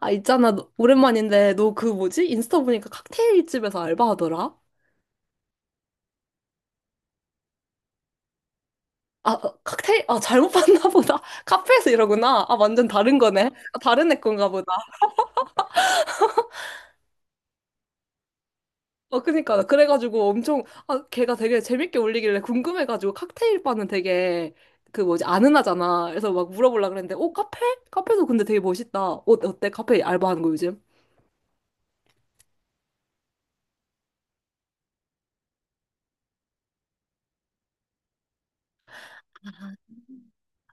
아, 있잖아. 오랜만인데, 너 그 뭐지? 인스타 보니까 칵테일 집에서 알바하더라? 잘못 봤나 보다. 카페에서 이러구나. 아, 완전 다른 거네. 아, 다른 애 건가 보다. 어, 그니까. 그래가지고 걔가 되게 재밌게 올리길래 궁금해가지고 칵테일 바는 되게 그 뭐지? 아는 하잖아. 그래서 막 물어보려고 그랬는데, 카페? 카페도 근데 되게 멋있다. 어, 어때? 카페 알바하는 거 요즘?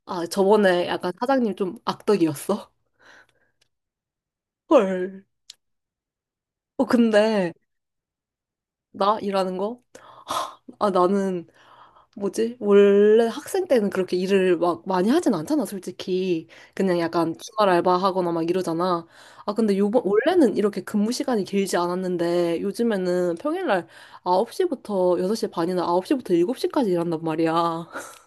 아, 저번에 약간 사장님 좀 악덕이었어. 헐. 어, 근데 나 일하는 거? 아, 나는 뭐지? 원래 학생 때는 그렇게 일을 막 많이 하진 않잖아, 솔직히. 그냥 약간 주말 알바하거나 막 이러잖아. 원래는 이렇게 근무 시간이 길지 않았는데, 요즘에는 평일날 9시부터 6시 반이나 9시부터 7시까지 일한단 말이야.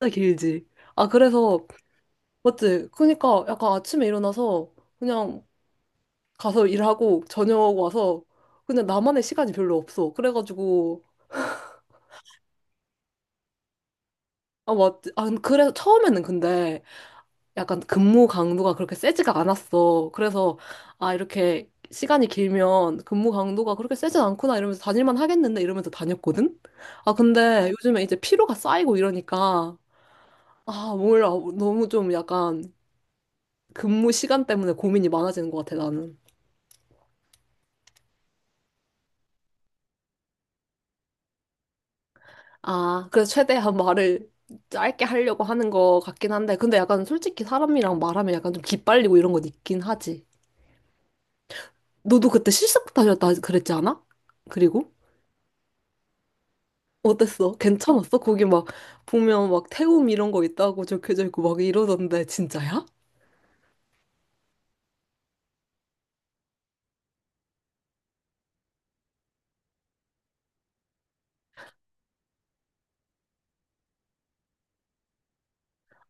진짜 길지. 아, 그래서, 맞지? 그러니까 약간 아침에 일어나서 그냥 가서 일하고, 저녁 와서, 그냥 나만의 시간이 별로 없어. 그래가지고, 아, 맞지? 아, 그래서 처음에는 근데, 약간 근무 강도가 그렇게 세지가 않았어. 그래서, 아, 이렇게 시간이 길면 근무 강도가 그렇게 세진 않구나 이러면서 다닐만 하겠는데 이러면서 다녔거든? 아, 근데 요즘에 이제 피로가 쌓이고 이러니까, 아, 몰라. 너무 좀 약간 근무 시간 때문에 고민이 많아지는 것 같아, 나는. 아, 그래서 최대한 말을 짧게 하려고 하는 것 같긴 한데, 근데 약간 솔직히 사람이랑 말하면 약간 좀 기빨리고 이런 건 있긴 하지. 너도 그때 실습 다녔다 그랬지 않아? 그리고? 어땠어? 괜찮았어? 거기 막 보면 막 태움 이런 거 있다고 적혀져 있고 막 이러던데 진짜야?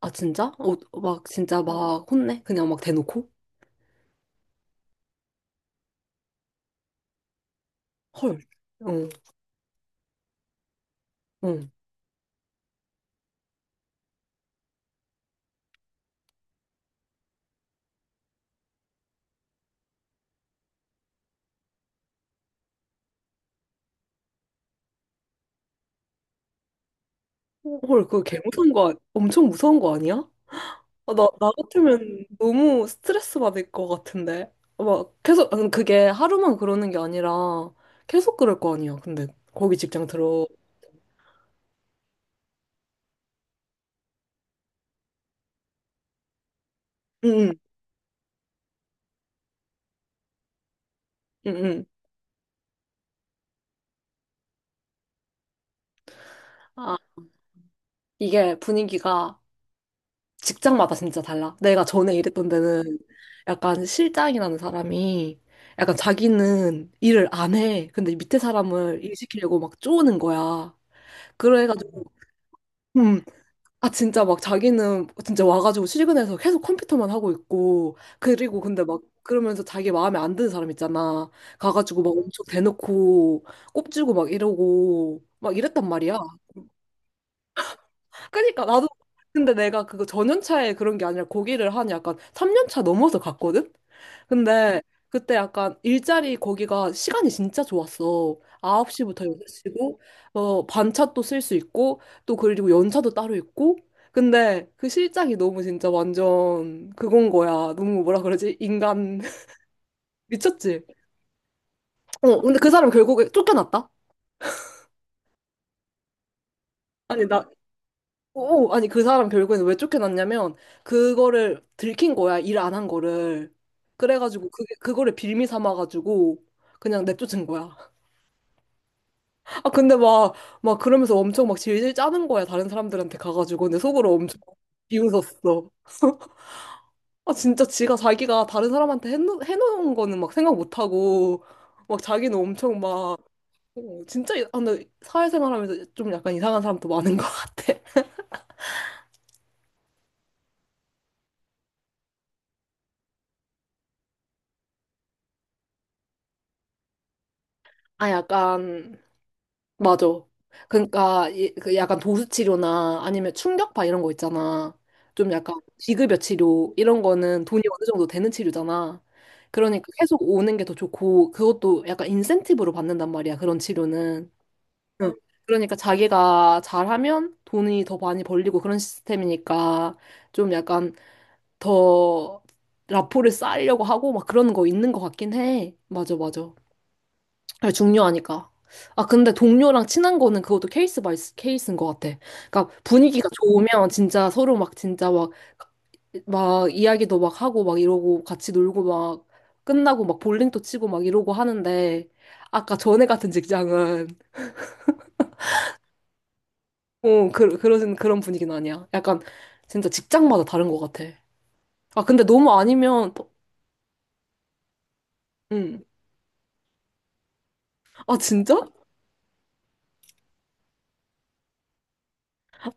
아 진짜? 어, 막 진짜 막 혼내? 그냥 막 대놓고? 헐. 응. 응. 헐, 그거 개 무서운 거 아니- 엄청 무서운 거 아니야? 아, 나 같으면 너무 스트레스 받을 것 같은데. 막 계속 응, 그게 하루만 그러는 게 아니라 계속 그럴 거 아니야. 근데 거기 직장 들어. 응. 응. 응. 응. 아, 이게 분위기가 직장마다 진짜 달라. 내가 전에 일했던 데는 약간 실장이라는 사람이 약간 자기는 일을 안 해. 근데 밑에 사람을 일 시키려고 막 쪼는 거야. 그래가지고, 음, 아, 진짜 막 자기는 진짜 와가지고 출근해서 계속 컴퓨터만 하고 있고, 그리고 근데 막 그러면서 자기 마음에 안 드는 사람 있잖아. 가가지고 막 엄청 대놓고 꼽지고 막 이러고 막 이랬단 말이야. 그니까 나도 근데 내가 그거 전연차에 그런 게 아니라 고기를 한 약간 3년차 넘어서 갔거든? 근데 그때 약간 일자리 거기가 시간이 진짜 좋았어. 9시부터 6시고, 어, 반차도 쓸 수 있고, 또 그리고 연차도 따로 있고. 근데 그 실장이 너무 진짜 완전 그건 거야. 너무 뭐라 그러지? 인간 미쳤지? 어, 근데 그 사람 결국에 쫓겨났다? 아니, 나 아니 그 사람 결국에는 왜 쫓겨났냐면 그거를 들킨 거야 일 안 한 거를 그래가지고 그게 그거를 빌미 삼아가지고 그냥 내쫓은 거야. 아 근데 막 그러면서 엄청 막 질질 짜는 거야 다른 사람들한테 가가지고 근데 속으로 엄청 비웃었어. 아 진짜 지가 자기가 다른 사람한테 해놓은 거는 막 생각 못하고 막 자기는 엄청 막 어, 진짜 아, 근데 사회생활하면서 좀 약간 이상한 사람도 많은 것 같아. 아 약간 맞아. 그러니까 그 약간 도수 치료나 아니면 충격파 이런 거 있잖아. 좀 약간 비급여 치료 이런 거는 돈이 어느 정도 되는 치료잖아. 그러니까 계속 오는 게 더 좋고 그것도 약간 인센티브로 받는단 말이야. 그런 치료는. 응. 그러니까 자기가 잘하면 돈이 더 많이 벌리고 그런 시스템이니까 좀 약간 더 라포를 쌓으려고 하고 막 그런 거 있는 것 같긴 해. 맞아, 맞아. 아, 중요하니까. 아, 근데 동료랑 친한 거는 그것도 케이스인 것 같아. 그러니까 분위기가 좋으면 진짜 서로 막 진짜 막, 막 이야기도 막 하고 막 이러고 같이 놀고 막 끝나고 막 볼링도 치고 막 이러고 하는데 아까 전에 같은 직장은 어, 그런 분위기는 아니야. 약간 진짜 직장마다 다른 것 같아. 아, 근데 너무 아니면 또, 응. 아, 진짜?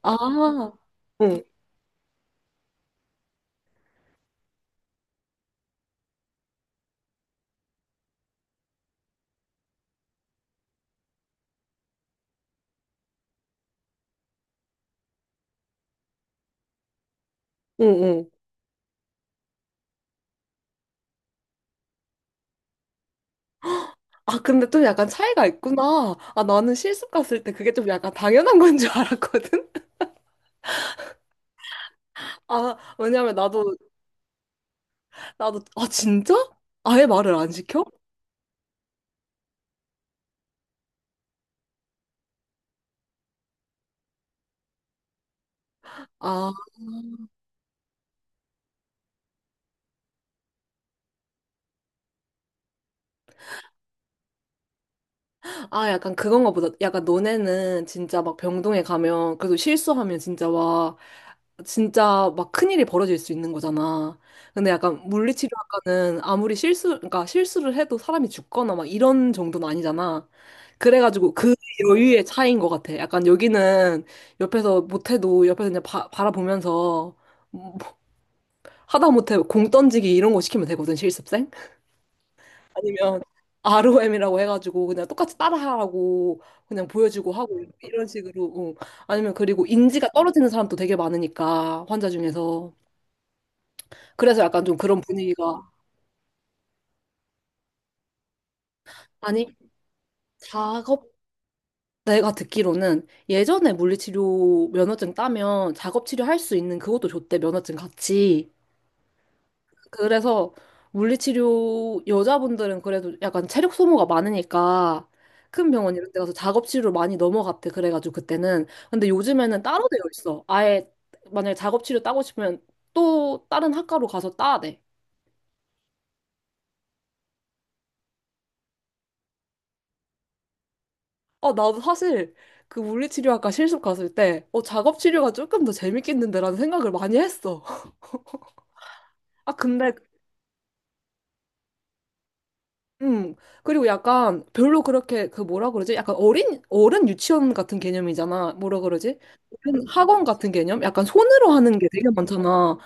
아, 응, 응, 응. 아, 근데 좀 약간 차이가 있구나. 아, 나는 실습 갔을 때 그게 좀 약간 당연한 건 줄 알았거든? 아, 왜냐면 나도, 아, 진짜? 아예 말을 안 시켜? 아, 약간 그건가 보다. 약간 너네는 진짜 막 병동에 가면, 그래도 실수하면 진짜 와 진짜 막 큰일이 벌어질 수 있는 거잖아. 근데 약간 물리치료학과는 그러니까 실수를 해도 사람이 죽거나 막 이런 정도는 아니잖아. 그래가지고 그 여유의 차이인 것 같아. 약간 여기는 옆에서 못해도 옆에서 그냥 바라보면서 하다못해 공 던지기 이런 거 시키면 되거든, 실습생? 아니면 ROM이라고 해가지고 그냥 똑같이 따라하라고 그냥 보여주고 하고 이런 식으로. 어. 아니면 그리고 인지가 떨어지는 사람도 되게 많으니까 환자 중에서. 그래서 약간 좀 그런 분위기가 아니 작업 내가 듣기로는 예전에 물리치료 면허증 따면 작업치료 할 수 있는 그것도 줬대 면허증 같이. 그래서 물리치료 여자분들은 그래도 약간 체력 소모가 많으니까 큰 병원 이런 데 가서 작업치료 많이 넘어갔대 그래가지고 그때는 근데 요즘에는 따로 되어 있어 아예. 만약에 작업치료 따고 싶으면 또 다른 학과로 가서 따야 돼. 아, 나도 사실 그 물리치료학과 실습 갔을 때, 어, 작업치료가 조금 더 재밌겠는데라는 생각을 많이 했어. 아, 근데 음, 그리고 약간 별로 그렇게 그 뭐라 그러지? 약간 어른 유치원 같은 개념이잖아. 뭐라 그러지? 어른 학원 같은 개념? 약간 손으로 하는 게 되게 많잖아.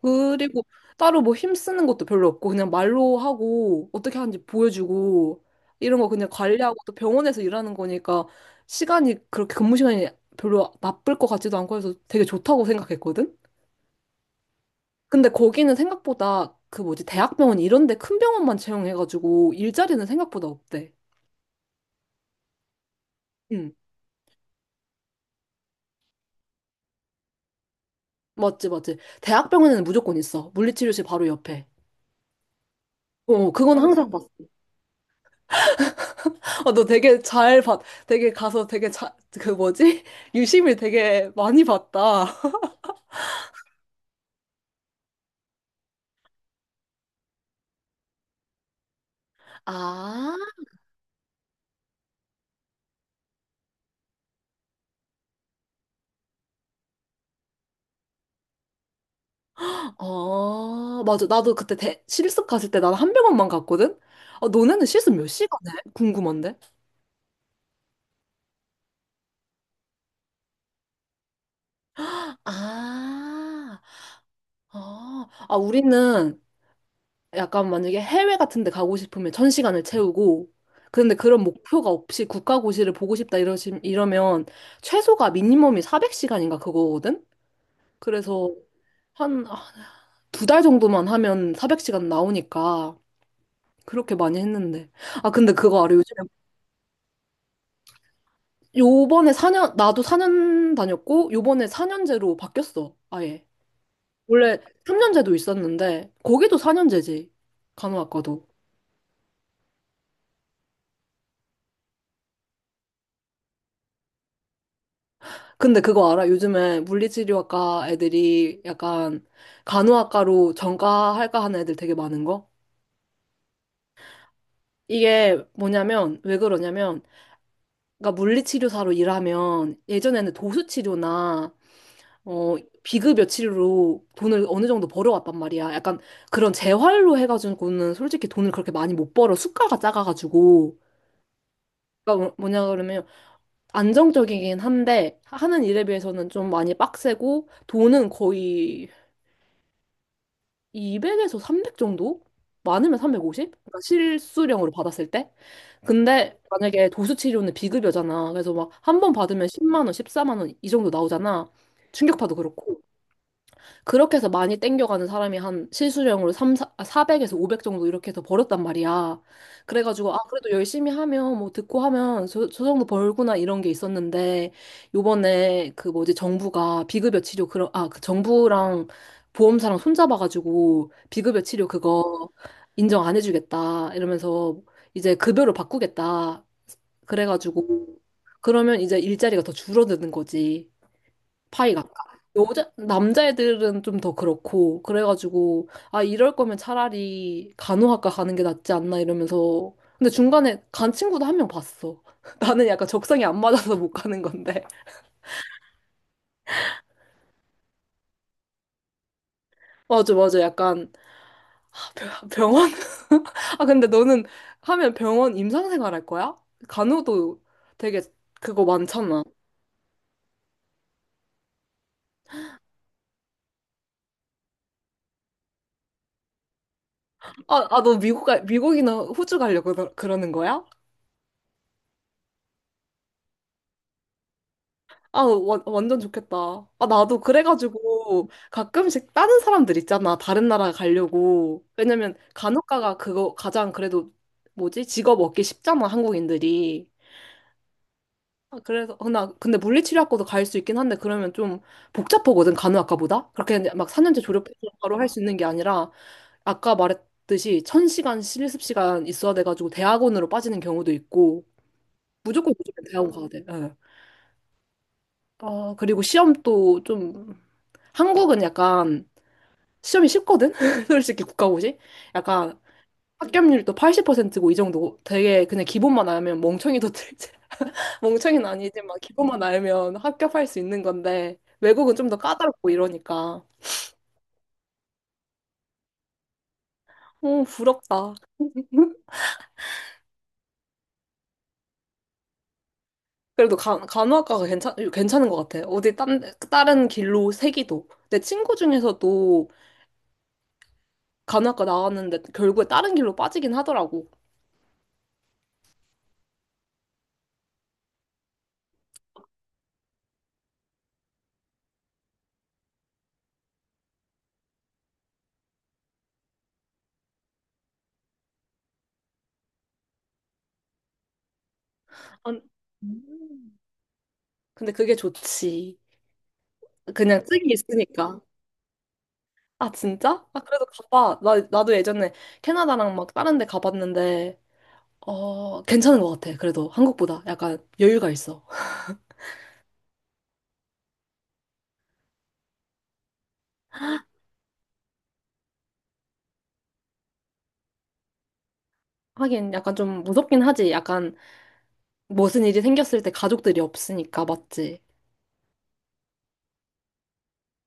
그리고 따로 뭐 힘쓰는 것도 별로 없고 그냥 말로 하고 어떻게 하는지 보여주고 이런 거 그냥 관리하고 또 병원에서 일하는 거니까 시간이 그렇게 근무 시간이 별로 나쁠 것 같지도 않고 해서 되게 좋다고 생각했거든? 근데 거기는 생각보다 그 뭐지 대학병원 이런 데 큰 병원만 채용해가지고 일자리는 생각보다 없대. 응, 맞지, 맞지. 대학병원에는 무조건 있어. 물리치료실 바로 옆에. 어, 그건 항상 봤어. 아, 너 되게 잘 봤, 되게 가서 되게 그 뭐지? 유심히 되게 많이 봤다. 아, 어, 맞아. 나도 그때 실습 갔을 때 나는 한 병원만 갔거든? 아, 너네는 실습 몇 시간 해? 궁금한데? 아, 어. 아, 우리는 약간 만약에 해외 같은 데 가고 싶으면 천 시간을 채우고 그런데 그런 목표가 없이 국가고시를 보고 싶다 이러면 최소가 미니멈이 400시간인가 그거거든? 그래서 한 아, 두달 정도만 하면 400시간 나오니까 그렇게 많이 했는데 아 근데 그거 알아 요즘에 요번에 사년 나도 4년 다녔고 요번에 4년제로 바뀌었어 아예. 원래 3년제도 있었는데 거기도 4년제지 간호학과도. 근데 그거 알아? 요즘에 물리치료학과 애들이 약간 간호학과로 전과할까 하는 애들 되게 많은 거? 이게 뭐냐면, 왜 그러냐면, 그러니까 물리치료사로 일하면 예전에는 도수치료나, 어, 비급 여치료로 돈을 어느 정도 벌어왔단 말이야. 약간 그런 재활로 해가지고는 솔직히 돈을 그렇게 많이 못 벌어. 수가가 작아가지고. 그러니까 뭐냐 그러면 안정적이긴 한데 하는 일에 비해서는 좀 많이 빡세고 돈은 거의 200에서 300 정도? 많으면 350? 그러니까 실수령으로 받았을 때? 근데 만약에 도수치료는 비급여잖아. 그래서 막 한 번 받으면 10만 원, 14만 원 이 정도 나오잖아. 충격파도 그렇고. 그렇게 해서 많이 땡겨가는 사람이 한 실수령으로 400에서 500 정도 이렇게 해서 벌었단 말이야. 그래가지고, 아, 그래도 열심히 하면, 뭐, 듣고 하면 저 정도 벌구나 이런 게 있었는데, 요번에 그 뭐지, 정부가 비급여 치료, 그런, 아, 그 정부랑 보험사랑 손잡아가지고, 비급여 치료 그거 인정 안 해주겠다. 이러면서 이제 급여로 바꾸겠다. 그래가지고, 그러면 이제 일자리가 더 줄어드는 거지. 파이가. 남자애들은 좀 더 그렇고, 그래가지고, 아, 이럴 거면 차라리 간호학과 가는 게 낫지 않나 이러면서. 근데 중간에 간 친구도 한 명 봤어. 나는 약간 적성이 안 맞아서 못 가는 건데. 맞아, 맞아. 약간, 아, 병원? 아, 근데 너는 하면 병원 임상생활 할 거야? 간호도 되게 그거 많잖아. 미국이나 호주 그러는 거야? 완전 좋겠다. 아, 나도 그래가지고 가끔씩 다른 사람들 있잖아. 다른 나라 가려고. 왜냐면 간호사가 그거 가장 그래도 뭐지? 직업 얻기 쉽잖아, 한국인들이. 아, 그래서 어, 나 근데 물리치료학과도 갈 수 있긴 한데 그러면 좀 복잡하거든, 간호학과보다. 그렇게 그냥 막 4년제 졸업해서 바로 할 수 있는 게 아니라 아까 말했듯이 1000시간 실습 시간 있어야 돼가지고 대학원으로 빠지는 경우도 있고 무조건 대학원 가야 돼. 예. 아, 그리고 시험도 좀 한국은 약간 시험이 쉽거든? 솔직히 국가고시? 약간 합격률도 80%고 이 정도 되게 그냥 기본만 알면 멍청이도 들지. 멍청이는 아니지만 기본만 알면 합격할 수 있는 건데 외국은 좀 더 까다롭고 이러니까. 어, 부럽다. 그래도 간호학과가 괜찮은 것 같아. 다른 길로 새기도. 내 친구 중에서도 간호학과 나왔는데 결국에 다른 길로 빠지긴 하더라고. 안- 음. 근데 그게 좋지. 그냥 쓰기 있으니까. 아, 진짜? 아, 그래도 가봐. 나도 예전에 캐나다랑 막 다른 데 가봤는데, 어, 괜찮은 것 같아. 그래도 한국보다 약간 여유가 있어. 하긴 약간 좀 무섭긴 하지. 약간 무슨 일이 생겼을 때 가족들이 없으니까, 맞지?